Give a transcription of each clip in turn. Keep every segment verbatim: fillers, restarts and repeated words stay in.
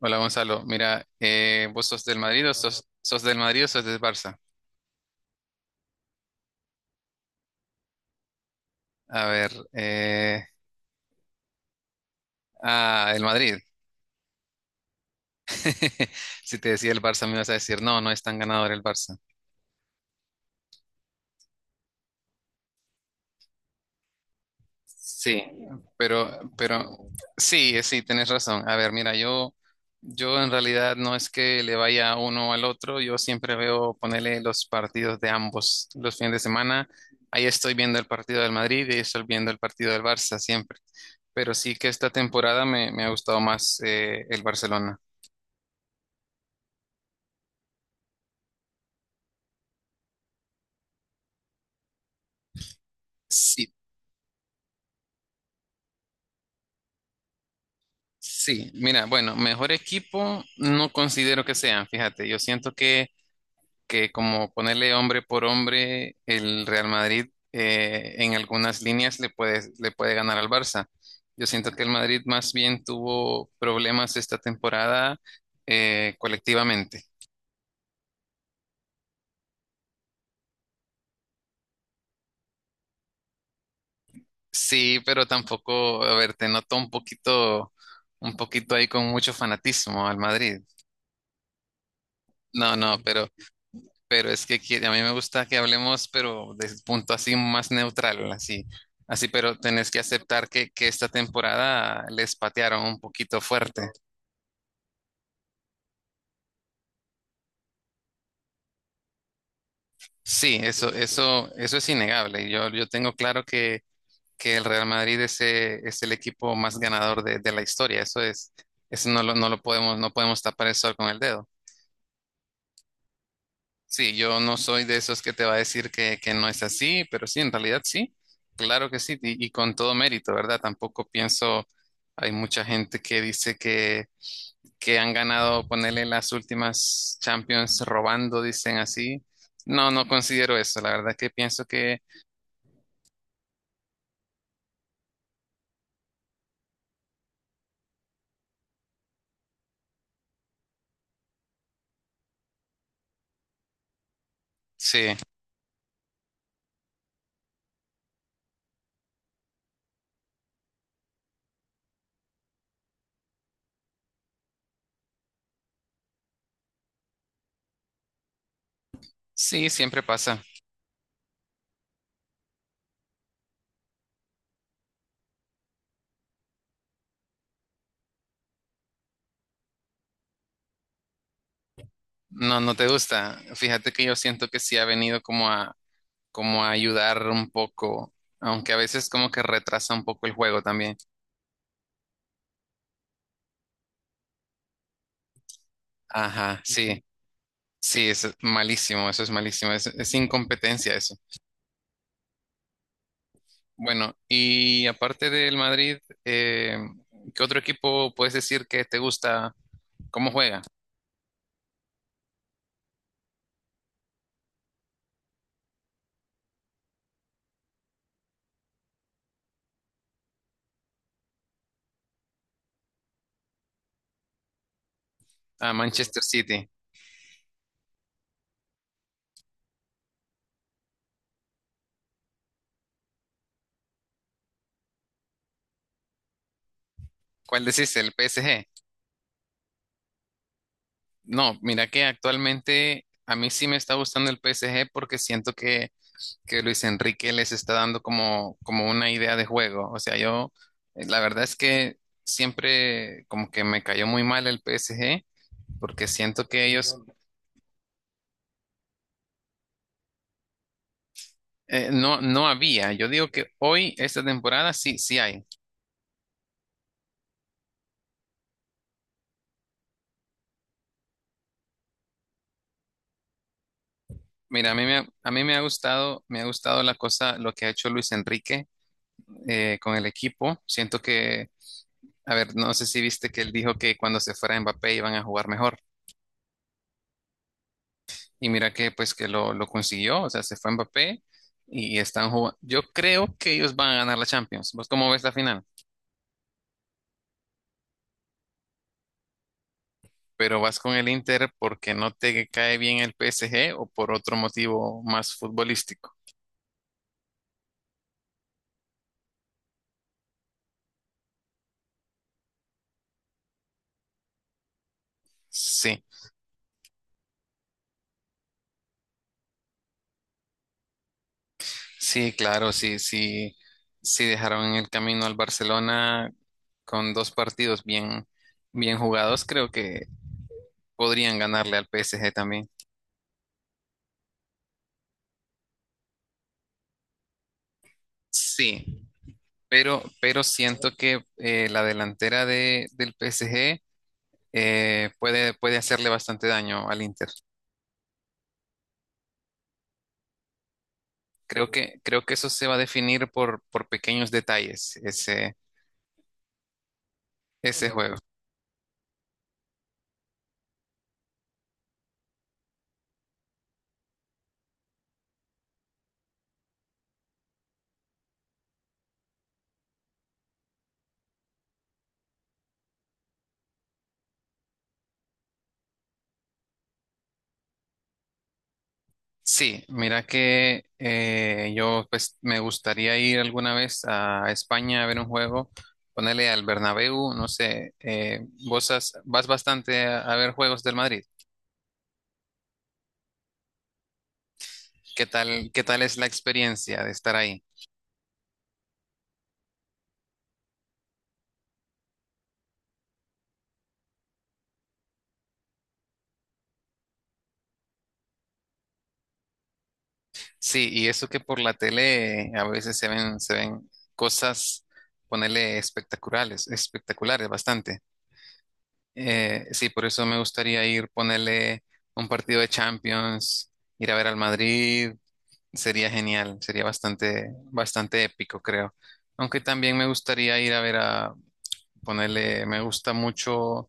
Hola Gonzalo, mira, eh, ¿vos sos del Madrid o sos, sos del Madrid o sos del Barça? A ver, eh, ah, el Madrid. Si te decía el Barça me ibas a decir, no, no es tan ganador el Barça. Sí, pero, pero sí, eh, sí, tienes razón. A ver, mira, yo, yo en realidad no es que le vaya uno al otro, yo siempre veo ponerle los partidos de ambos los fines de semana. Ahí estoy viendo el partido del Madrid y ahí estoy viendo el partido del Barça siempre. Pero sí que esta temporada me, me ha gustado más eh, el Barcelona. Sí, sí, mira, bueno, mejor equipo no considero que sean, fíjate, yo siento que que como ponerle hombre por hombre, el Real Madrid eh, en algunas líneas le puede, le puede ganar al Barça. Yo siento que el Madrid más bien tuvo problemas esta temporada eh, colectivamente. Sí, pero tampoco, a ver, te noto un poquito, un poquito ahí con mucho fanatismo al Madrid. No, no, pero pero es que quiere- a mí me gusta que hablemos, pero desde un punto así más neutral, así, así, pero tenés que aceptar que, que esta temporada les patearon un poquito fuerte. Sí, eso, eso, eso es innegable. Yo, yo tengo claro que, que el Real Madrid es, eh, es el equipo más ganador de, de la historia. Eso es, eso no lo, no lo podemos, no podemos tapar el sol con el dedo. Sí, yo no soy de esos que te va a decir que, que no es así, pero sí, en realidad sí, claro que sí, y, y con todo mérito, ¿verdad? Tampoco pienso, hay mucha gente que dice que, que han ganado, ponerle las últimas Champions robando, dicen así. No, no considero eso, la verdad que pienso que sí, sí, siempre pasa. No, no te gusta. Fíjate que yo siento que sí ha venido como a, como a ayudar un poco, aunque a veces como que retrasa un poco el juego también. Ajá, sí. Sí, eso es malísimo, eso es malísimo, es, es incompetencia eso. Bueno, y aparte del Madrid, eh, ¿qué otro equipo puedes decir que te gusta? ¿Cómo juega? A Manchester City. ¿Cuál decís? ¿El P S G? No, mira que actualmente a mí sí me está gustando el P S G porque siento que, que Luis Enrique les está dando como, como una idea de juego. O sea, yo, eh, la verdad es que siempre como que me cayó muy mal el P S G porque siento que ellos Eh, no, no había. Yo digo que hoy, esta temporada, sí, sí hay. Mira, a mí me, ha- a mí me ha gustado, me ha gustado la cosa, lo que ha hecho Luis Enrique eh, con el equipo. Siento que, a ver, no sé si viste que él dijo que cuando se fuera Mbappé iban a jugar mejor. Y mira que, pues, que lo, lo consiguió. O sea, se fue Mbappé y están jugando. Yo creo que ellos van a ganar la Champions. ¿Vos cómo ves la final? Pero vas con el Inter porque no te cae bien el P S G o por otro motivo más futbolístico. Sí. Sí, claro, sí, sí, sí dejaron en el camino al Barcelona con dos partidos bien, bien jugados, creo que podrían ganarle al P S G también. Sí, pero, pero siento que eh, la delantera de, del P S G eh, puede, puede hacerle bastante daño al Inter. Creo que, creo que eso se va a definir por, por pequeños detalles, ese, ese juego. Sí, mira que eh, yo pues me gustaría ir alguna vez a España a ver un juego, ponerle al Bernabéu, no sé, eh, vos has- vas bastante a, a ver juegos del Madrid. ¿Qué tal, qué tal es la experiencia de estar ahí? Sí, y eso que por la tele eh, a veces se ven, se ven cosas, ponerle espectaculares, espectaculares bastante. Eh, sí, por eso me gustaría ir, ponerle un partido de Champions, ir a ver al Madrid. Sería genial, sería bastante, bastante épico, creo. Aunque también me gustaría ir a ver a ponerle, me gusta mucho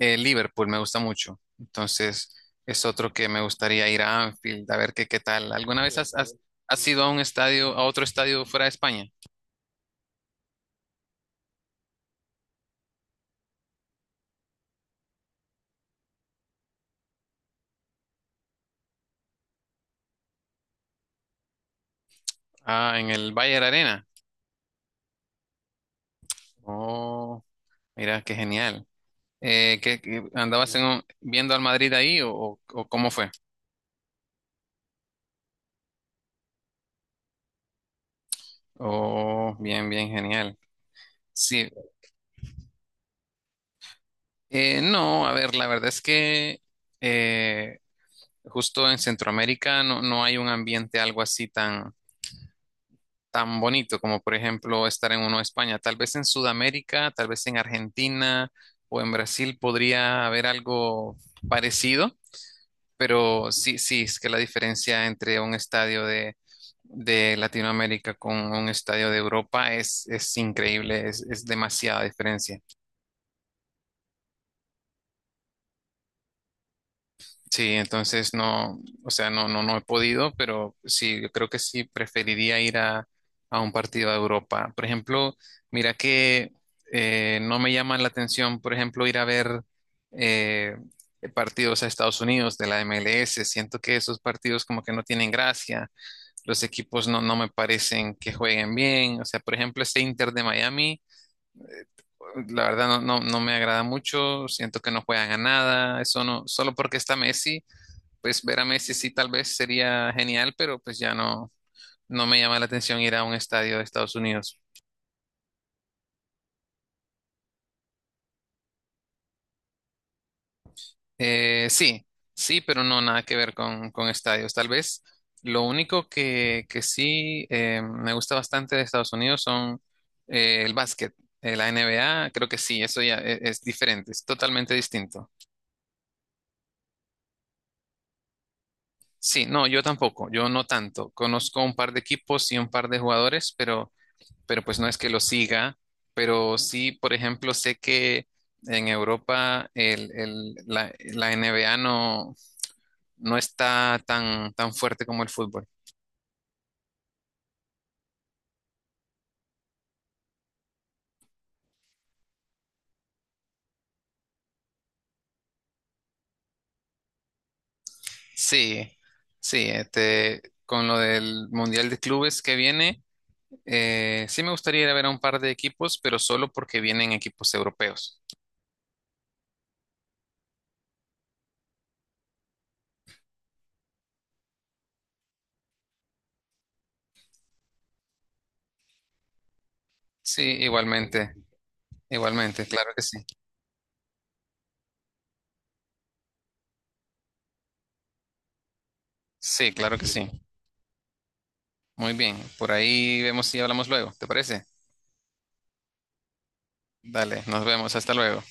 eh, Liverpool, me gusta mucho. Entonces, es otro que me gustaría ir a Anfield, a ver qué, qué tal. ¿Alguna vez has, has, ujú, has ido a un estadio, a otro estadio fuera de España? Ah, en el Bayern Arena. Oh, mira, qué genial. Eh, ¿qué- qué- andabas en un- viendo al Madrid ahí o, o o cómo fue? Oh, bien, bien, genial. Sí, Eh, no, a ver, la verdad es que eh, justo en Centroamérica no, no hay un ambiente algo así tan, tan bonito como por ejemplo estar en uno de España. Tal vez en Sudamérica, tal vez en Argentina o en Brasil podría haber algo parecido, pero sí, sí, es que la diferencia entre un estadio de, de Latinoamérica con un estadio de Europa es, es increíble, es, es demasiada diferencia. Sí, entonces no, o sea, no, no, no he podido, pero sí, yo creo que sí preferiría ir a, a un partido de Europa. Por ejemplo, mira que eh, no me llama la atención, por ejemplo, ir a ver eh, partidos a Estados Unidos de la M L S. Siento que esos partidos como que no tienen gracia, los equipos no, no me parecen que jueguen bien. O sea, por ejemplo, este Inter de Miami. La verdad no, no, no me agrada mucho, siento que no juegan a nada, eso no, solo porque está Messi, pues ver a Messi sí tal vez sería genial, pero pues ya no, no me llama la atención ir a un estadio de Estados Unidos. Eh, sí, sí, pero no nada que ver con, con estadios. Tal vez lo único que, que sí eh, me gusta bastante de Estados Unidos son eh, el básquet. Eh, la N B A, creo que sí, eso ya e- es diferente, es totalmente distinto. Sí, no, yo tampoco, yo no tanto. Conozco un par de equipos y un par de jugadores, pero pero pues no es que lo siga, pero sí, por ejemplo, sé que en Europa el, el- la, la N B A no, no está tan, tan fuerte como el fútbol. Sí, sí, este, con lo del Mundial de Clubes que viene, eh, sí me gustaría ir a ver a un par de equipos, pero solo porque vienen equipos europeos. Sí, igualmente, igualmente, claro que sí. Sí, claro que sí. Muy bien, por ahí vemos si hablamos luego, ¿te parece? Dale, nos vemos, hasta luego.